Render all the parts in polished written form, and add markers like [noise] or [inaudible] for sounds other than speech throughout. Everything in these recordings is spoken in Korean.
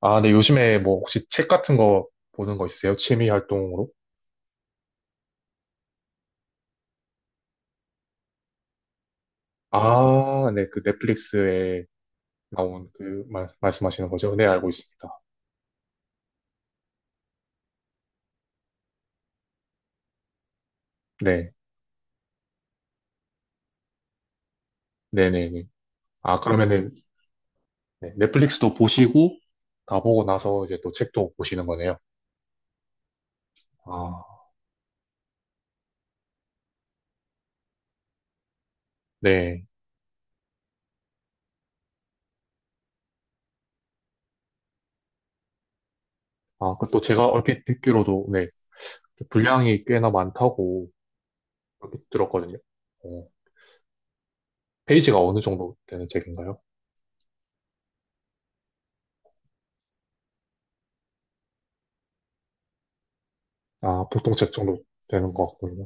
아, 네, 요즘에 뭐 혹시 책 같은 거 보는 거 있으세요? 취미 활동으로? 아, 네, 그 넷플릭스에 나온 그 말씀하시는 거죠? 네, 알고 있습니다. 네, 네네네. 아, 그러면은, 네, 넷플릭스도 보시고, 다 보고 나서 이제 또 책도 보시는 거네요. 아, 네. 아, 그 또 제가 얼핏 듣기로도, 네, 분량이 꽤나 많다고 얼핏 들었거든요. 어, 페이지가 어느 정도 되는 책인가요? 아, 보통 책 정도 되는 것 같군요.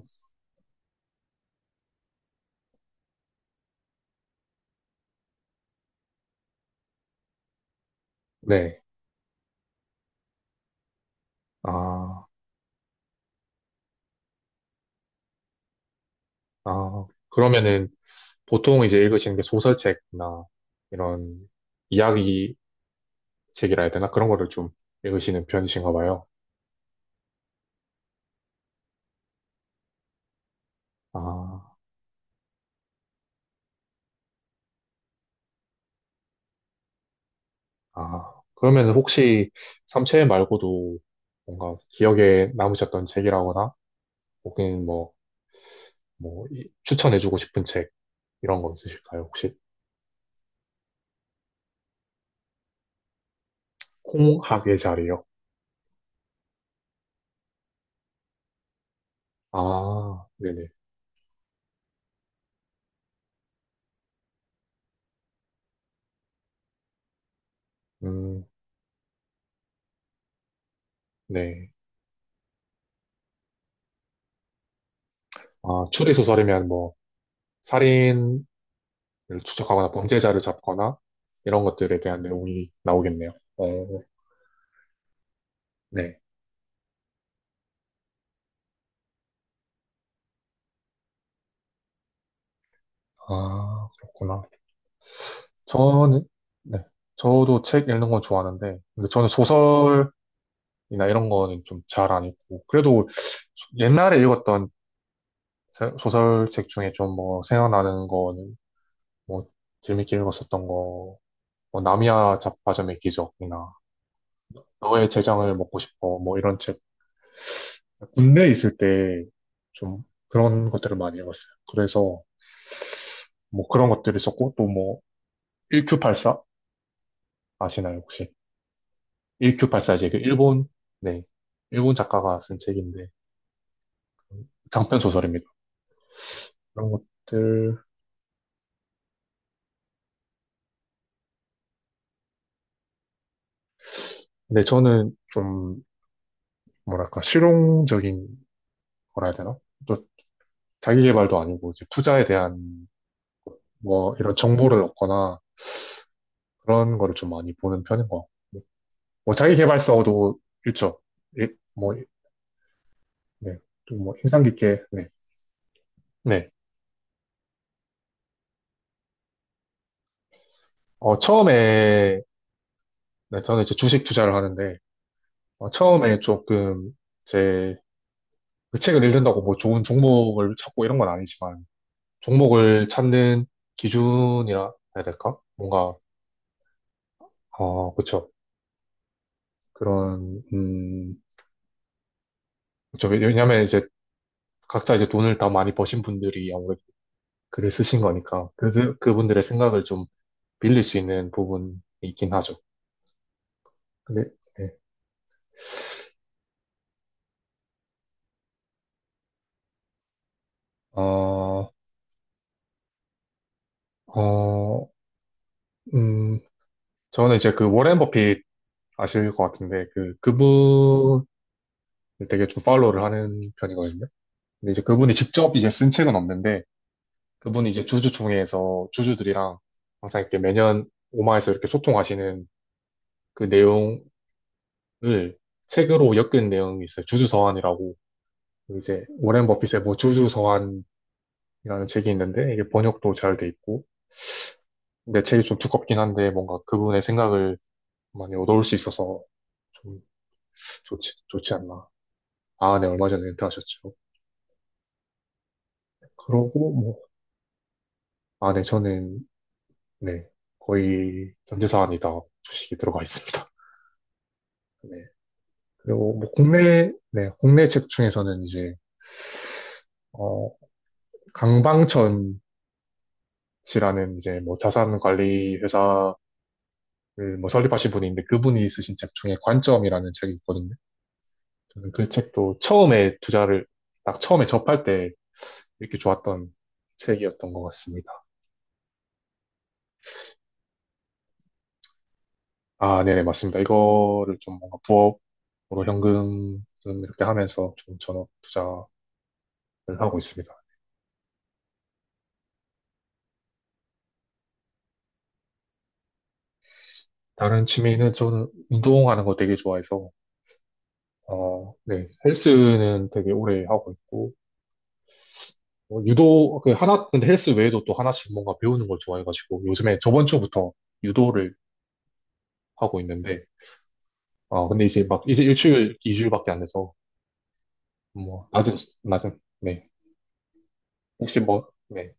네. 아. 아, 그러면은 보통 이제 읽으시는 게 소설책이나 이런 이야기 책이라 해야 되나? 그런 거를 좀 읽으시는 편이신가 봐요. 아. 아, 그러면은 혹시 삼체 말고도 뭔가 기억에 남으셨던 책이라거나 혹은 뭐, 뭐 추천해주고 싶은 책 이런 거 있으실까요? 혹시. 콩학의 자리요? 아, 네네. 음, 네. 아, 추리소설이면 뭐 살인 추적하거나 범죄자를 잡거나 이런 것들에 대한 내용이 나오겠네요. 어, 네. 아, 그렇구나. 저는, 네. 저도 책 읽는 건 좋아하는데, 근데 저는 소설이나 이런 거는 좀 잘 안 읽고, 그래도 옛날에 읽었던 소설책 중에 좀 뭐 생각나는 거는, 뭐 재밌게 읽었었던 거, 뭐 나미야 잡화점의 기적이나 너의 재장을 먹고 싶어, 뭐 이런 책. 군대에 있을 때 좀 그런 것들을 많이 읽었어요. 그래서 뭐 그런 것들이 있었고, 또 뭐, 1Q84 아시나요, 혹시? 1Q84, 이제 그 일본, 네. 일본 작가가 쓴 책인데, 장편 소설입니다. 그런 것들. 근데 저는 좀, 뭐랄까, 실용적인 거라 해야 되나? 또 자기 개발도 아니고, 이제 투자에 대한 뭐 이런 정보를 얻거나 그런 거를 좀 많이 보는 편인 것 같고. 뭐 자기 개발서도 있죠. 예, 뭐, 네. 또뭐 인상 깊게, 네. 네. 어, 처음에, 네, 저는 이제 주식 투자를 하는데, 어, 처음에 조금 제, 그 책을 읽는다고 뭐 좋은 종목을 찾고 이런 건 아니지만, 종목을 찾는 기준이라 해야 될까? 뭔가, 그쵸, 그런, 그쵸. 왜냐면 이제 각자 이제 돈을 다 많이 버신 분들이 아무래도 글을 쓰신 거니까 그분들의 생각을 좀 빌릴 수 있는 부분이 있긴 하죠. 근데, 네. 어, 어, 음, 저는 이제 그 워렌 버핏 아실 것 같은데, 그분 되게 좀 팔로우를 하는 편이거든요. 근데 이제 그분이 직접 이제 쓴 책은 없는데, 그분이 이제 주주총회에서 주주들이랑 항상 이렇게 매년 오마에서 이렇게 소통하시는 그 내용을 책으로 엮은 내용이 있어요. 주주 서한이라고, 이제 워렌 버핏의 뭐 주주 서한이라는 책이 있는데, 이게 번역도 잘 돼 있고, 근데 책이 좀 두껍긴 한데, 뭔가 그분의 생각을 많이 얻어올 수 있어서 좀 좋지 않나. 아, 네, 얼마 전에 은퇴하셨죠. 그러고 뭐, 아, 네, 저는, 네, 거의 전재산이 다 주식이 들어가 있습니다. [laughs] 네, 그리고 뭐 국내, 네, 국내 책 중에서는 이제 어, 강방천씨라는 이제 뭐 자산 관리 회사를 뭐 설립하신 분이 있는데, 그분이 쓰신 책 중에 관점이라는 책이 있거든요. 저는 그 책도 처음에 투자를 딱 처음에 접할 때 이렇게 좋았던 책이었던 것 같습니다. 아, 네네, 맞습니다. 이거를 좀 뭔가 부업으로 현금 좀 이렇게 하면서 좀 전업 투자를 하고 있습니다. 다른 취미는 저는 운동하는 거 되게 좋아해서, 어, 네, 헬스는 되게 오래 하고 있고, 유도, 그 하나, 근데 헬스 외에도 또 하나씩 뭔가 배우는 걸 좋아해가지고, 요즘에 저번 주부터 유도를 하고 있는데, 근데 이제 막, 이제 일주일, 이주일밖에 안 돼서, 뭐, 낮은, 네. 혹시 뭐, 네.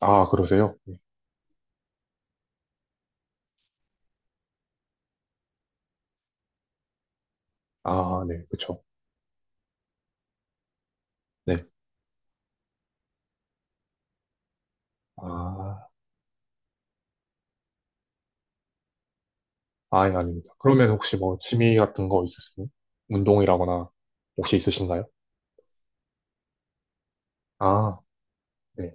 아, 그러세요? 네. 아, 네, 그쵸. 네. 아, 예, 아닙니다. 그러면 혹시 뭐, 취미 같은 거 있으세요? 운동이라거나, 혹시 있으신가요? 아, 네.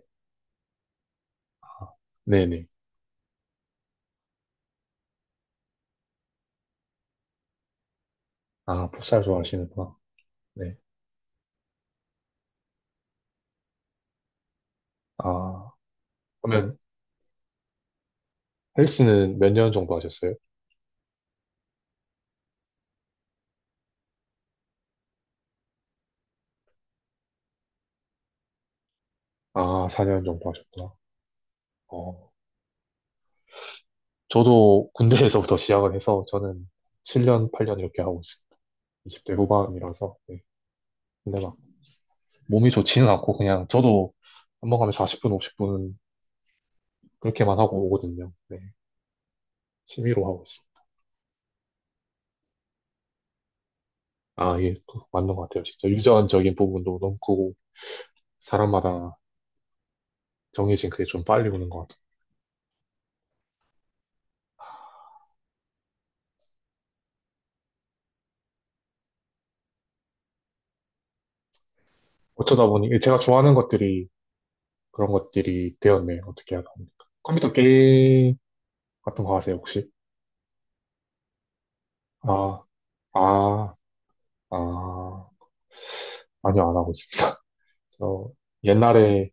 네네. 아, 풋살 좋아하시는구나. 네. 아, 그러면 헬스는 몇 년 정도 하셨어요? 아, 4년 정도 하셨구나. 어, 저도 군대에서부터 [laughs] 시작을 해서 저는 7년, 8년 이렇게 하고 있어요. 20대 후반이라서. 네. 근데 막 몸이 좋지는 않고 그냥 저도 한 번 가면 40분, 50분 그렇게만 하고 오거든요. 네. 취미로 하고 있어요. 아, 예, 또 맞는 것 같아요. 진짜 유전적인 부분도 너무 크고, 사람마다 정해진 그게 좀 빨리 오는 것 같아요. 어쩌다 보니 제가 좋아하는 것들이 그런 것들이 되었네. 어떻게 하다 보니까. 컴퓨터 게임 같은 거 하세요, 혹시? 아, 아, 아. 아니요, 안 하고 있습니다. [laughs] 저 옛날에,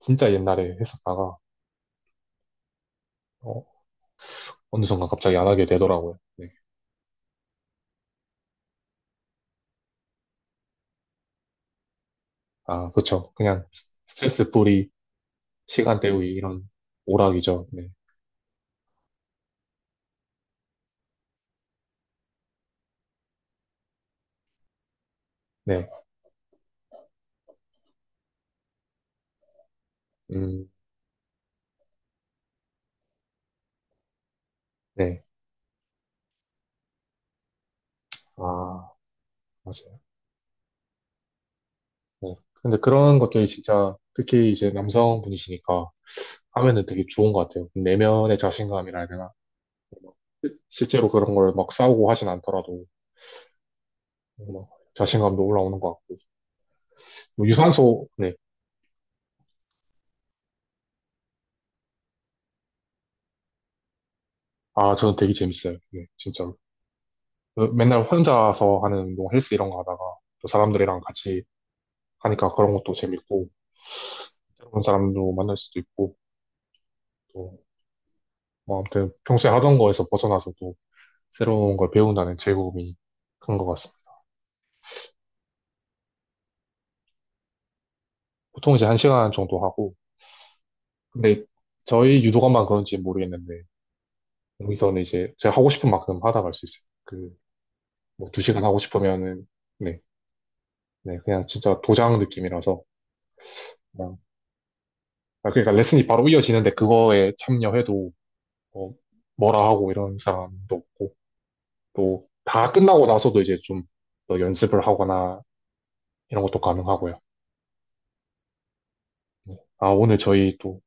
진짜 옛날에 했었다가, 어, 어느 순간 갑자기 안 하게 되더라고요. 네. 아, 그쵸. 그냥 스트레스 풀이, 시간 때우기, 이런 오락이죠. 네. 네. 음, 네. 아, 맞아요. 네. 근데 그런 것들이 진짜, 특히 이제 남성분이시니까 하면은 되게 좋은 것 같아요. 내면의 자신감이라 해야 되나? 실제로 그런 걸 막 싸우고 하진 않더라도 막 자신감도 올라오는 것 같고, 뭐 유산소, 네. 아, 저는 되게 재밌어요. 네, 진짜로. 맨날 혼자서 하는 운동, 헬스 이런 거 하다가 또 사람들이랑 같이 하니까 그런 것도 재밌고, 새로운 사람도 만날 수도 있고, 또 뭐 아무튼 평소에 하던 거에서 벗어나서 또 새로운 걸 배운다는 즐거움이 큰 것 같습니다. 보통 이제 1시간 정도 하고, 근데 저희 유도관만 그런지 모르겠는데 여기서는 이제 제가 하고 싶은 만큼 하다 갈 수 있어요. 그, 뭐 2시간 하고 싶으면은, 네, 네, 그냥 진짜 도장 느낌이라서. 그냥, 아, 그러니까 레슨이 바로 이어지는데 그거에 참여해도 뭐 뭐라 하고 이런 사람도 없고, 또 다 끝나고 나서도 이제 좀 더 연습을 하거나 이런 것도 가능하고요. 네. 아, 오늘 저희 또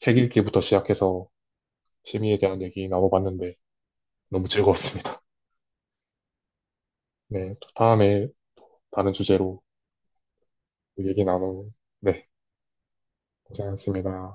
책 읽기부터 시작해서 취미에 대한 얘기 나눠봤는데 너무 즐거웠습니다. 네, 또 다음에 다른 주제로 얘기 나누, 네, 고생하셨습니다.